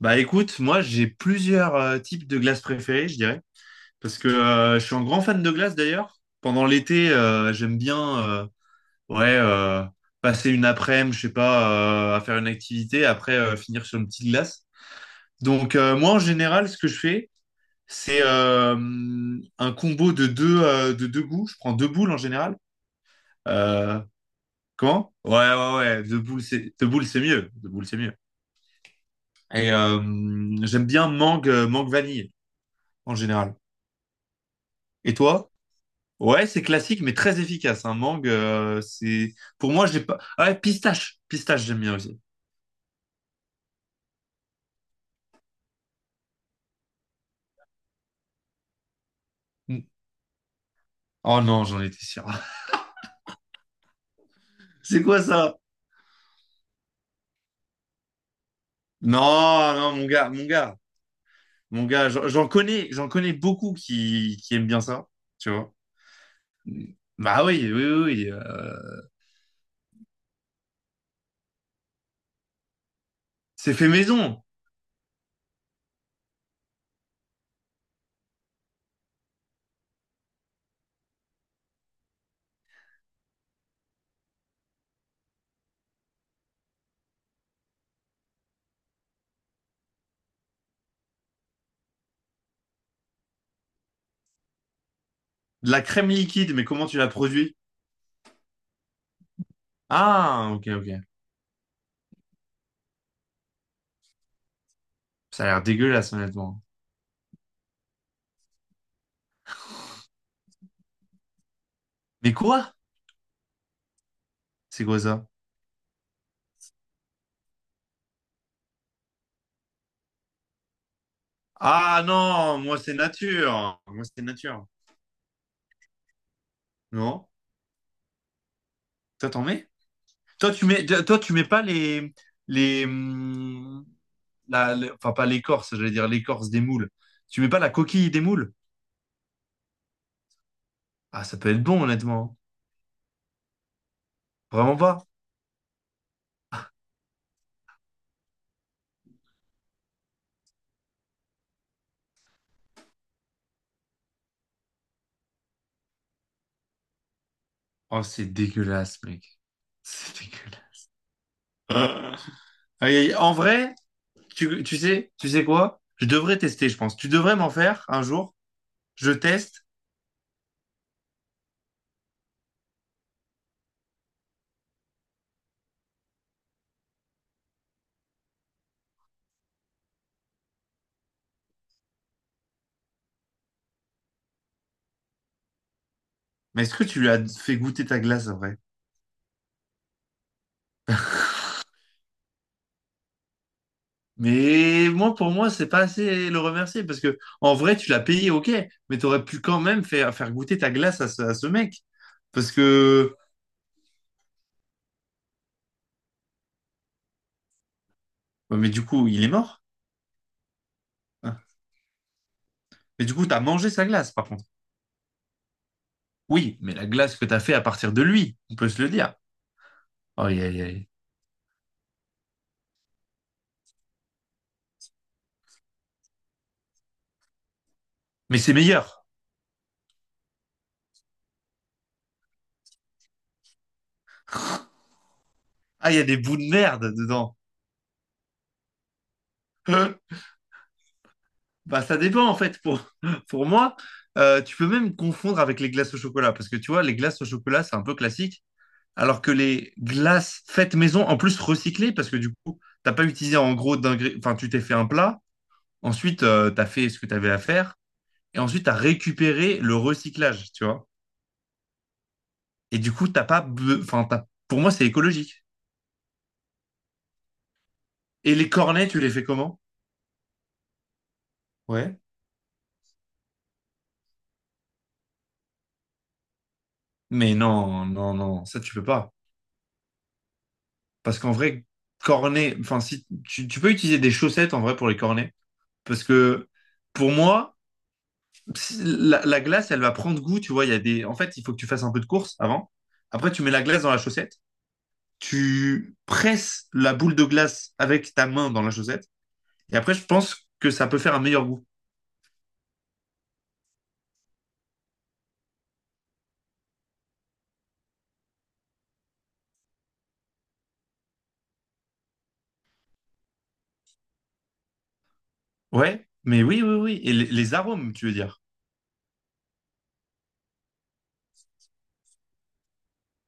Bah écoute, moi j'ai plusieurs types de glaces préférées, je dirais, parce que je suis un grand fan de glace d'ailleurs. Pendant l'été, j'aime bien euh, ouais euh, passer une après-midi, je sais pas, à faire une activité, après finir sur une petite glace. Donc moi en général, ce que je fais, c'est un combo de deux goûts. Je prends deux boules en général. Euh, Comment? Ouais ouais ouais, deux boules c'est mieux, deux boules c'est mieux. Et euh, J'aime bien mangue mangue vanille en général. Et toi? Ouais, c'est classique, mais très efficace. Un mangue, c'est... Pour moi, j'ai pas... Ah ouais, pistache. Pistache, j'aime bien aussi. Mm. Oh non, j'en étais sûr. C'est quoi ça? Non, non, mon gars, mon gars. Mon gars, j'en connais, j'en connais beaucoup qui aiment bien ça, tu vois. Bah oui, oui, oui. Oui, c'est fait maison. De la crème liquide, mais comment tu la produis? Ah, ok, ok. Ça a l'air dégueulasse, honnêtement. Mais quoi? C'est quoi ça? Ah non, moi c'est nature. Moi c'est nature. Non? Toi, t'en mets? Toi, tu mets, toi, tu mets pas les, les, la, enfin pas l'écorce, j'allais dire l'écorce des moules. Tu mets pas la coquille des moules? Ah, ça peut être bon, honnêtement. Vraiment pas. Oh, c'est dégueulasse, mec. C'est dégueulasse. Ah. Aïe, aïe. En vrai, tu sais quoi? Je devrais tester, je pense. Tu devrais m'en faire un jour. Je teste. Mais est-ce que tu lui as fait goûter ta glace après? Mais moi, pour moi, c'est pas assez le remercier parce que en vrai, tu l'as payé, ok, mais t'aurais pu quand même faire, faire goûter ta glace à ce mec. Parce que, ouais, mais du coup, il est mort, hein. Mais du coup, t'as mangé sa glace, par contre. Oui, mais la glace que t'as fait à partir de lui, on peut se le dire. Aïe, aïe, aïe. Mais c'est meilleur. Ah, il y a des bouts de merde dedans. Hein. Bah, ça dépend, en fait. Pour, pour moi, tu peux même confondre avec les glaces au chocolat parce que tu vois, les glaces au chocolat, c'est un peu classique, alors que les glaces faites maison, en plus recyclées, parce que du coup, t'as pas utilisé en gros enfin, tu t'es fait un plat, ensuite, t'as fait ce que t'avais à faire, et ensuite, t'as récupéré le recyclage, tu vois. Et du coup, t'as pas, be- enfin, pour moi, c'est écologique. Et les cornets, tu les fais comment? Ouais. Mais non, non, non, ça, tu peux pas. Parce qu'en vrai, cornets, enfin, si, tu peux utiliser des chaussettes, en vrai, pour les cornets. Parce que, pour moi, la glace, elle va prendre goût, tu vois. Il y a des... En fait, il faut que tu fasses un peu de course avant. Après, tu mets la glace dans la chaussette. Tu presses la boule de glace avec ta main dans la chaussette. Et après, je pense que ça peut faire un meilleur goût. Ouais, mais oui, oui, oui. Et les arômes, tu veux dire?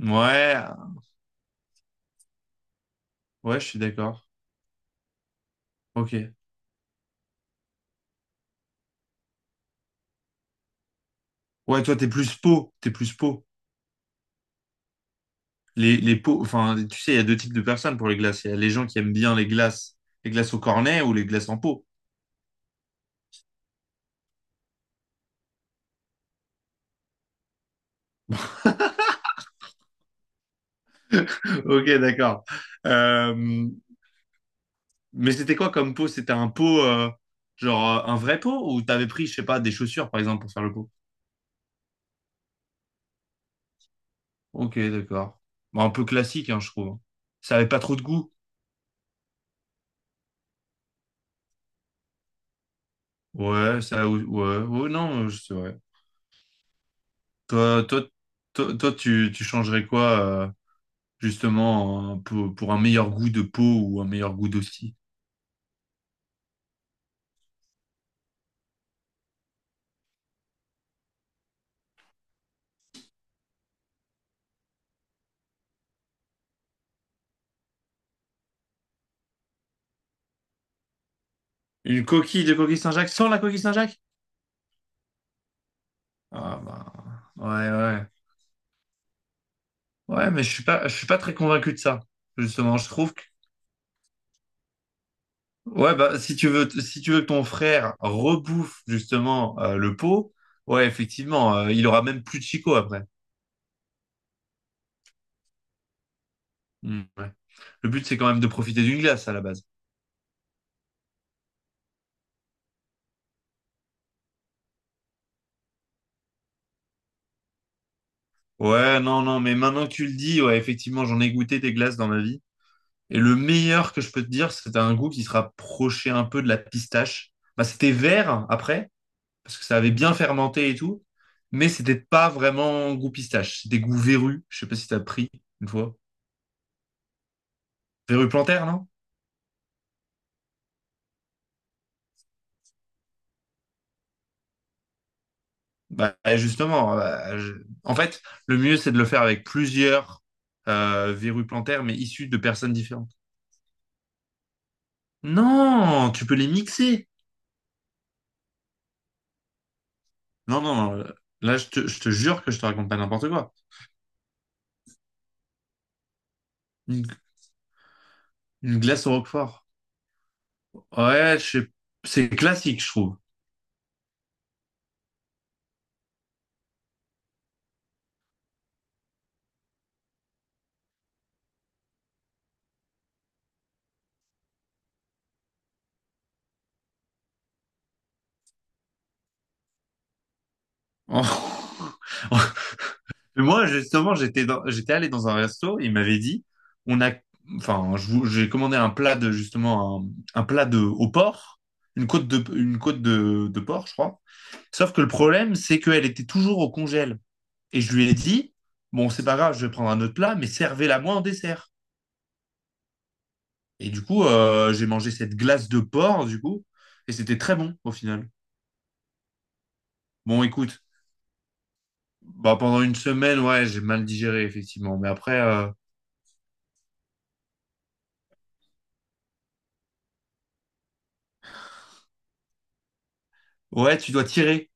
Ouais, ouais, je suis d'accord. Ok. Ouais, toi, t'es plus pot. T'es plus pot. Les pots, enfin, tu sais, il y a deux types de personnes pour les glaces. Il y a les gens qui aiment bien les glaces au cornet ou les glaces en pot. Ok, d'accord. Euh, Mais c'était quoi comme pot? C'était un pot, genre un vrai pot ou t'avais pris, je sais pas, des chaussures par exemple pour faire le pot? Ok, d'accord. Bah, un peu classique, hein, je trouve. Ça avait pas trop de goût. Ouais, ça, ouais, ouais. Oh, non, c'est vrai. Toi, toi, toi, toi, tu changerais quoi, euh, justement, pour un meilleur goût de pot ou un meilleur goût d'hostie? Une coquille de coquille Saint-Jacques sans la coquille Saint-Jacques? Ah, bah, ouais, ouais. Ouais, mais je suis pas très convaincu de ça, justement. Je trouve. Ouais, bah, si tu veux, si tu veux que ton frère rebouffe justement le pot, ouais, effectivement, il aura même plus de Chico après. Hmm, ouais. Le but, c'est quand même de profiter d'une glace à la base. Ouais, non, non, mais maintenant que tu le dis, ouais, effectivement, j'en ai goûté des glaces dans ma vie. Et le meilleur que je peux te dire, c'était un goût qui se rapprochait un peu de la pistache. Bah, c'était vert hein, après, parce que ça avait bien fermenté et tout, mais c'était pas vraiment goût pistache. C'était goût verru. Je sais pas si t'as pris une fois. Verru plantaire, non? Bah, justement, en fait, le mieux, c'est de le faire avec plusieurs verrues plantaires, mais issues de personnes différentes. Non, tu peux les mixer. Non, non, là, je te jure que je te raconte pas n'importe quoi. Une, une glace au roquefort. Ouais, je sais- c'est classique, je trouve. En, Moi, justement, j'étais allé dans un resto, il m'avait dit, on a, j'ai commandé un plat de, justement, un plat de, au porc, une côte de porc, je crois. Sauf que le problème, c'est qu'elle était toujours au congèle. Et je lui ai dit, bon, c'est pas grave, je vais prendre un autre plat, mais servez-la moi en dessert. Et du coup, j'ai mangé cette glace de porc, du coup, et c'était très bon, au final. Bon, écoute, bah, pendant une semaine, ouais, j'ai mal digéré, effectivement. Mais après, ouais, tu dois tirer.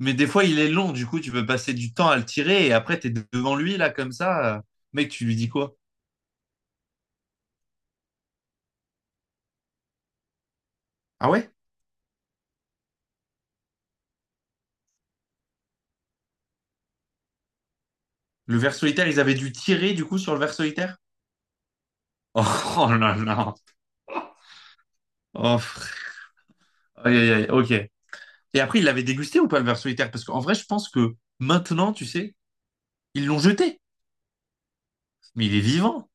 Mais des fois, il est long, du coup, tu peux passer du temps à le tirer et après, t'es devant lui, là, comme ça. Mec, tu lui dis quoi? Ah ouais? Le ver solitaire, ils avaient dû tirer, du coup, sur le ver solitaire? Oh, oh là là. Oh, frère. Aïe, aïe, aïe, ok. Et après, il l'avait dégusté ou pas, le ver solitaire? Parce qu'en vrai, je pense que maintenant, tu sais, ils l'ont jeté. Mais il est vivant.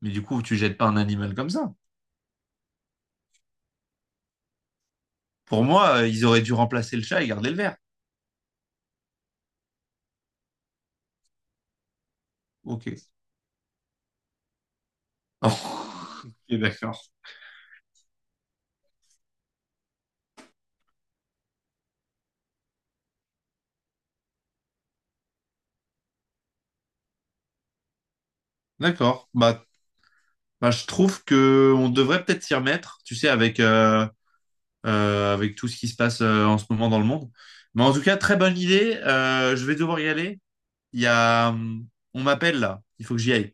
Mais du coup, tu jettes pas un animal comme ça. Pour moi, ils auraient dû remplacer le chat et garder le ver. Ok. Ok, d'accord. D'accord. Bah, bah, je trouve que on devrait peut-être s'y remettre, tu sais, avec, avec tout ce qui se passe en ce moment dans le monde. Mais en tout cas, très bonne idée. Je vais devoir y aller. Il y a, on m'appelle là. Il faut que j'y aille.